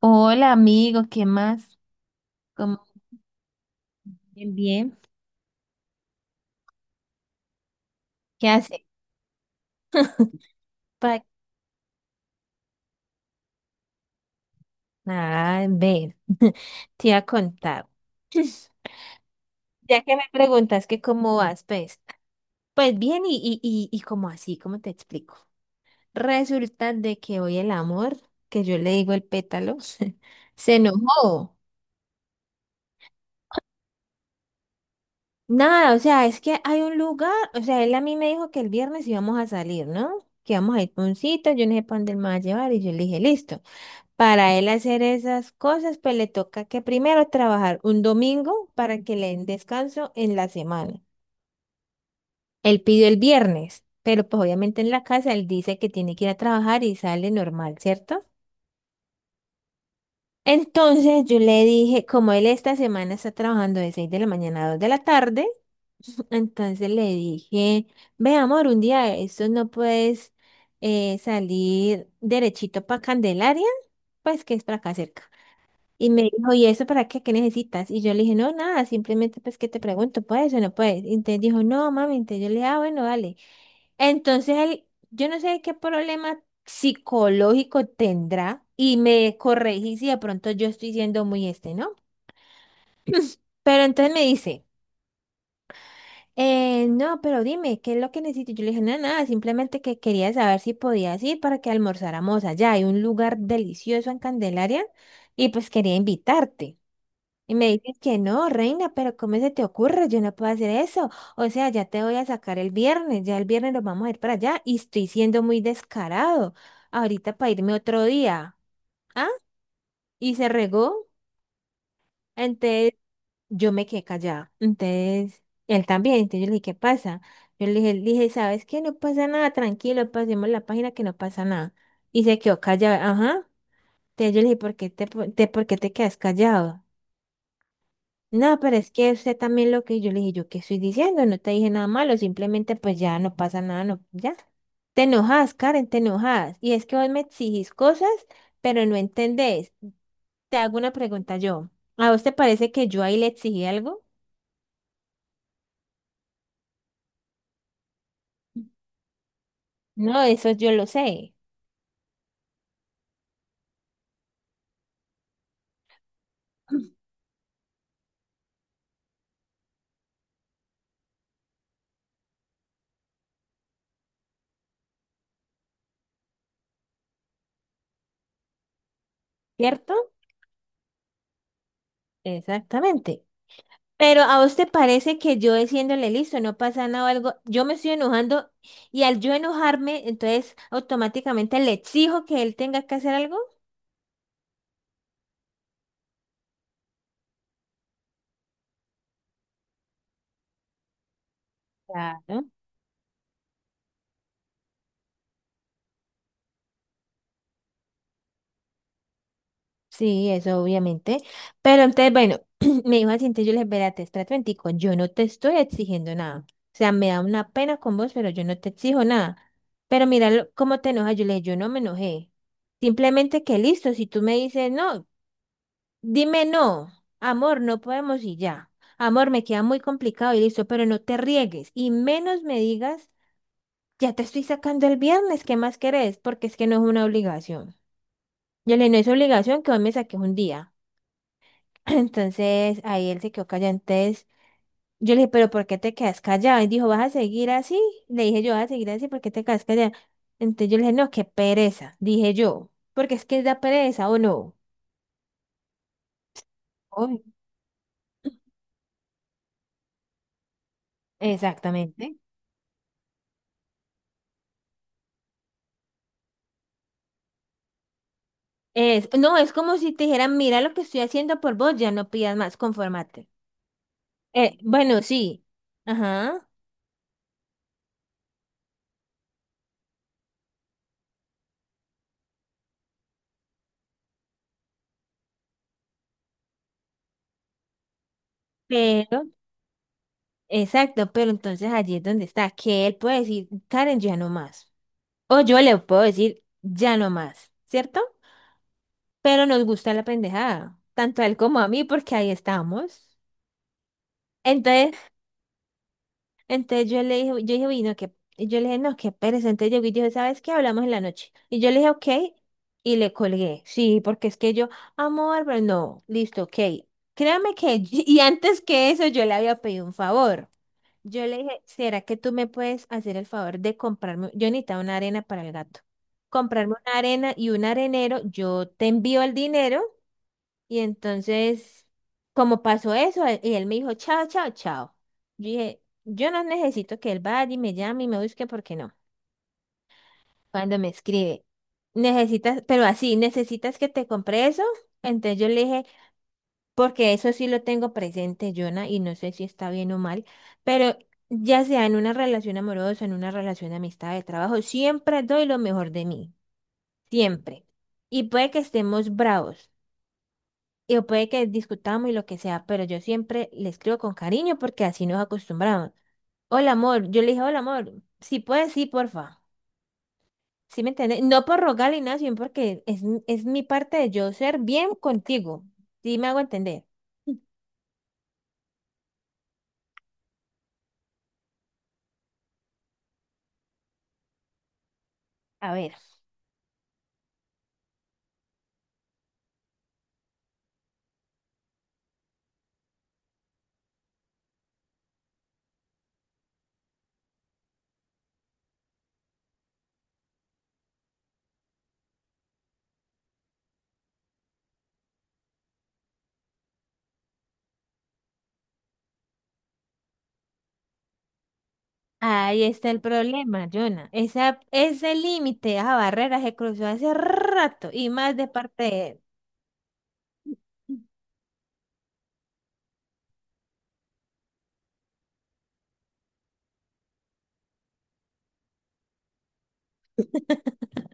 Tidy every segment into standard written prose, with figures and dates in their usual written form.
Hola amigo, ¿qué más? ¿Cómo bien, bien? ¿Qué hace? Pa- Nada, ver, te iba a contar. Ya que me preguntas que cómo vas, pues, pues bien y como así, ¿cómo te explico? Resulta de que hoy el amor, que yo le digo el pétalo, se enojó. Nada, o sea, es que hay un lugar, o sea, él a mí me dijo que el viernes íbamos a salir, ¿no? Que íbamos a ir pa' un sitio, yo no sé para dónde él me va a llevar y yo le dije, listo. Para él hacer esas cosas, pues le toca que primero trabajar un domingo para que le den descanso en la semana. Él pidió el viernes, pero pues obviamente en la casa él dice que tiene que ir a trabajar y sale normal, ¿cierto? Entonces yo le dije, como él esta semana está trabajando de 6 de la mañana a 2 de la tarde, entonces le dije, ve amor, un día de estos no puedes salir derechito para Candelaria, pues que es para acá cerca. Y me dijo, ¿y eso para qué? ¿Qué necesitas? Y yo le dije, no, nada, simplemente pues que te pregunto, ¿puedes o no puedes? Y entonces dijo, no, mami, entonces yo le dije, ah, bueno, vale. Entonces él, yo no sé qué problema psicológico tendrá y me corregí si de pronto yo estoy siendo muy este, ¿no? Pero entonces me dice, no, pero dime, ¿qué es lo que necesito? Yo le dije, no, nada, simplemente que quería saber si podías ir para que almorzáramos allá. Hay un lugar delicioso en Candelaria y pues quería invitarte. Y me dices que no, reina, pero ¿cómo se te ocurre? Yo no puedo hacer eso. O sea, ya te voy a sacar el viernes, ya el viernes nos vamos a ir para allá y estoy siendo muy descarado. Ahorita para irme otro día. ¿Ah? Y se regó. Entonces yo me quedé callada. Entonces él también. Entonces yo le dije, ¿qué pasa? Yo le dije, ¿sabes qué? No pasa nada, tranquilo, pasemos la página que no pasa nada. Y se quedó callado. Ajá. Entonces yo le dije, ¿por qué por qué te quedas callado? No, pero es que usted también lo que yo le dije, yo qué estoy diciendo, no te dije nada malo, simplemente pues ya no pasa nada, no, ya. Te enojas, Karen, te enojas. Y es que vos me exigís cosas, pero no entendés. Te hago una pregunta yo. ¿A vos te parece que yo ahí le exigí algo? No, eso yo lo sé. ¿Cierto? Exactamente. Pero a vos te parece que yo diciéndole listo, no pasa nada o algo, yo me estoy enojando y al yo enojarme, entonces automáticamente le exijo que él tenga que hacer algo. Claro. Sí, eso obviamente. Pero entonces, bueno, me dijo así, entonces yo le dije, espérate, espérate, momentico, yo no te estoy exigiendo nada. O sea, me da una pena con vos, pero yo no te exijo nada. Pero mira cómo te enojas. Yo le dije, yo no me enojé. Simplemente que listo, si tú me dices, no, dime no, amor, no podemos y ya. Amor, me queda muy complicado y listo, pero no te riegues. Y menos me digas, ya te estoy sacando el viernes, ¿qué más querés? Porque es que no es una obligación. Yo le dije, no es obligación que hoy me saques un día. Entonces ahí él se quedó callado. Entonces yo le dije, pero ¿por qué te quedas callado? Y dijo, ¿vas a seguir así? Le dije yo, ¿vas a seguir así? ¿Por qué te quedas callado? Entonces yo le dije, no, qué pereza, dije yo, porque es que da pereza o no. Uy. Exactamente. Es, no, es como si te dijeran, mira lo que estoy haciendo por vos, ya no pidas más, conformate. Bueno, sí, ajá, pero, exacto, pero entonces allí es donde está, que él puede decir, Karen, ya no más. O yo le puedo decir, ya no más, ¿cierto? Pero nos gusta la pendejada, tanto a él como a mí, porque ahí estamos. Entonces, entonces yo le dije, yo dije, uy, no, qué, y yo le dije, no, qué pereza. Entonces llegó y dijo, ¿sabes qué? Hablamos en la noche. Y yo le dije, ok, y le colgué. Sí, porque es que yo, amor, pero no, listo, ok. Créame que, y antes que eso, yo le había pedido un favor. Yo le dije, ¿será que tú me puedes hacer el favor de comprarme? Yo necesitaba una arena para el gato. Comprarme una arena y un arenero, yo te envío el dinero. Y entonces, como pasó eso, él me dijo, chao, chao, chao. Yo dije, yo no necesito que él vaya y me llame y me busque porque no. Cuando me escribe, necesitas, pero así, necesitas que te compre eso. Entonces yo le dije, porque eso sí lo tengo presente, Jonah, y no sé si está bien o mal, pero ya sea en una relación amorosa, en una relación de amistad, de trabajo, siempre doy lo mejor de mí, siempre. Y puede que estemos bravos. Y o puede que discutamos y lo que sea, pero yo siempre le escribo con cariño porque así nos acostumbramos. Hola, amor. Yo le dije, hola, amor. Si puedes, sí, porfa. ¿Sí me entiendes? No por rogarle nada, sino porque es, es mi parte de yo ser bien contigo. ¿Sí me hago entender? A ver. Ahí está el problema, Jonah. Esa, ese límite, esa barrera se cruzó hace rato y más de parte de él.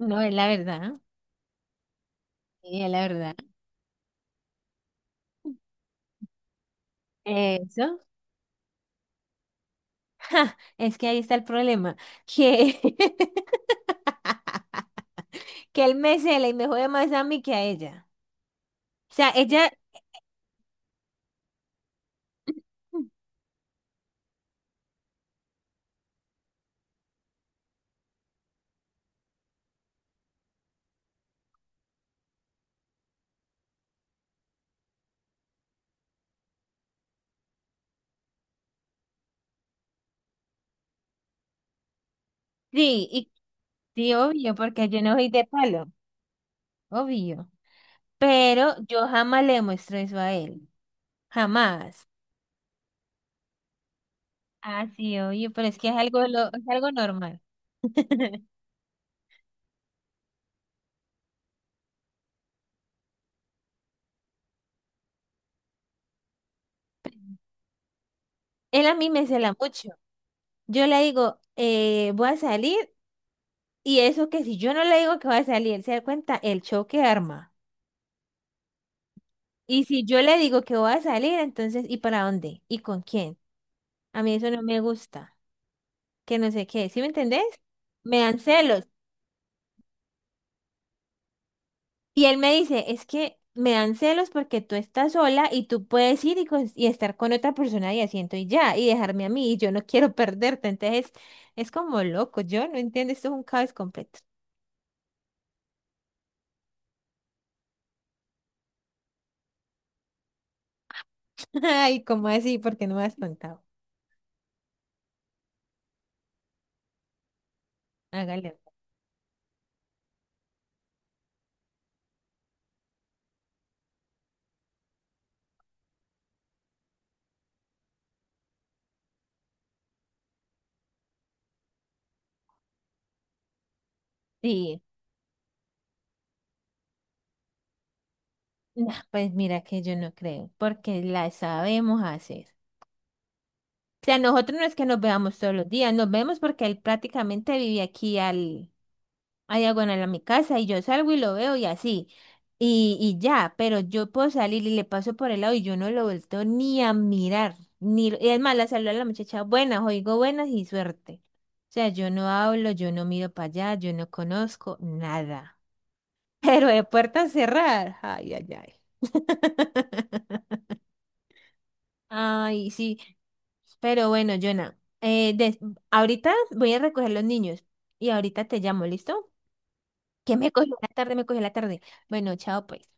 No, es la verdad. Y es la verdad. Eso. Ja, es que ahí está el problema, que, que él me cela y me jode más a mí que a ella. O sea, ella, sí, y sí, obvio, porque yo no soy de palo, obvio. Pero yo jamás le muestro eso a él, jamás. Ah, sí, obvio, pero es que es algo, es algo normal. Él a mí me cela mucho. Yo le digo, voy a salir, y eso que si yo no le digo que voy a salir, se da cuenta el choque arma. Y si yo le digo que voy a salir, entonces, ¿y para dónde? ¿Y con quién? A mí eso no me gusta, que no sé qué, ¿sí me entendés? Me dan celos. Y él me dice, es que me dan celos porque tú estás sola y tú puedes ir y, y estar con otra persona y asiento y ya, y dejarme a mí, y yo no quiero perderte. Entonces, es como loco, yo no entiendo, esto es un caos completo. Ay, ¿cómo así? ¿Por qué no me has contado? Hágale. Sí, no, pues mira que yo no creo, porque la sabemos hacer. Sea, nosotros no es que nos veamos todos los días, nos vemos porque él prácticamente vive aquí al, a diagonal a mi casa y yo salgo y lo veo y así. Y ya, pero yo puedo salir y le paso por el lado y yo no lo vuelto ni a mirar. Ni, y es más, la saludo a la muchacha, buenas, oigo buenas y suerte. O sea, yo no hablo, yo no miro para allá, yo no conozco nada. Pero de puertas cerradas, ay, ay, ay. Ay, sí. Pero bueno, Jonah, ahorita voy a recoger los niños y ahorita te llamo, ¿listo? Que me cogió la tarde, me cogió la tarde. Bueno, chao, pues.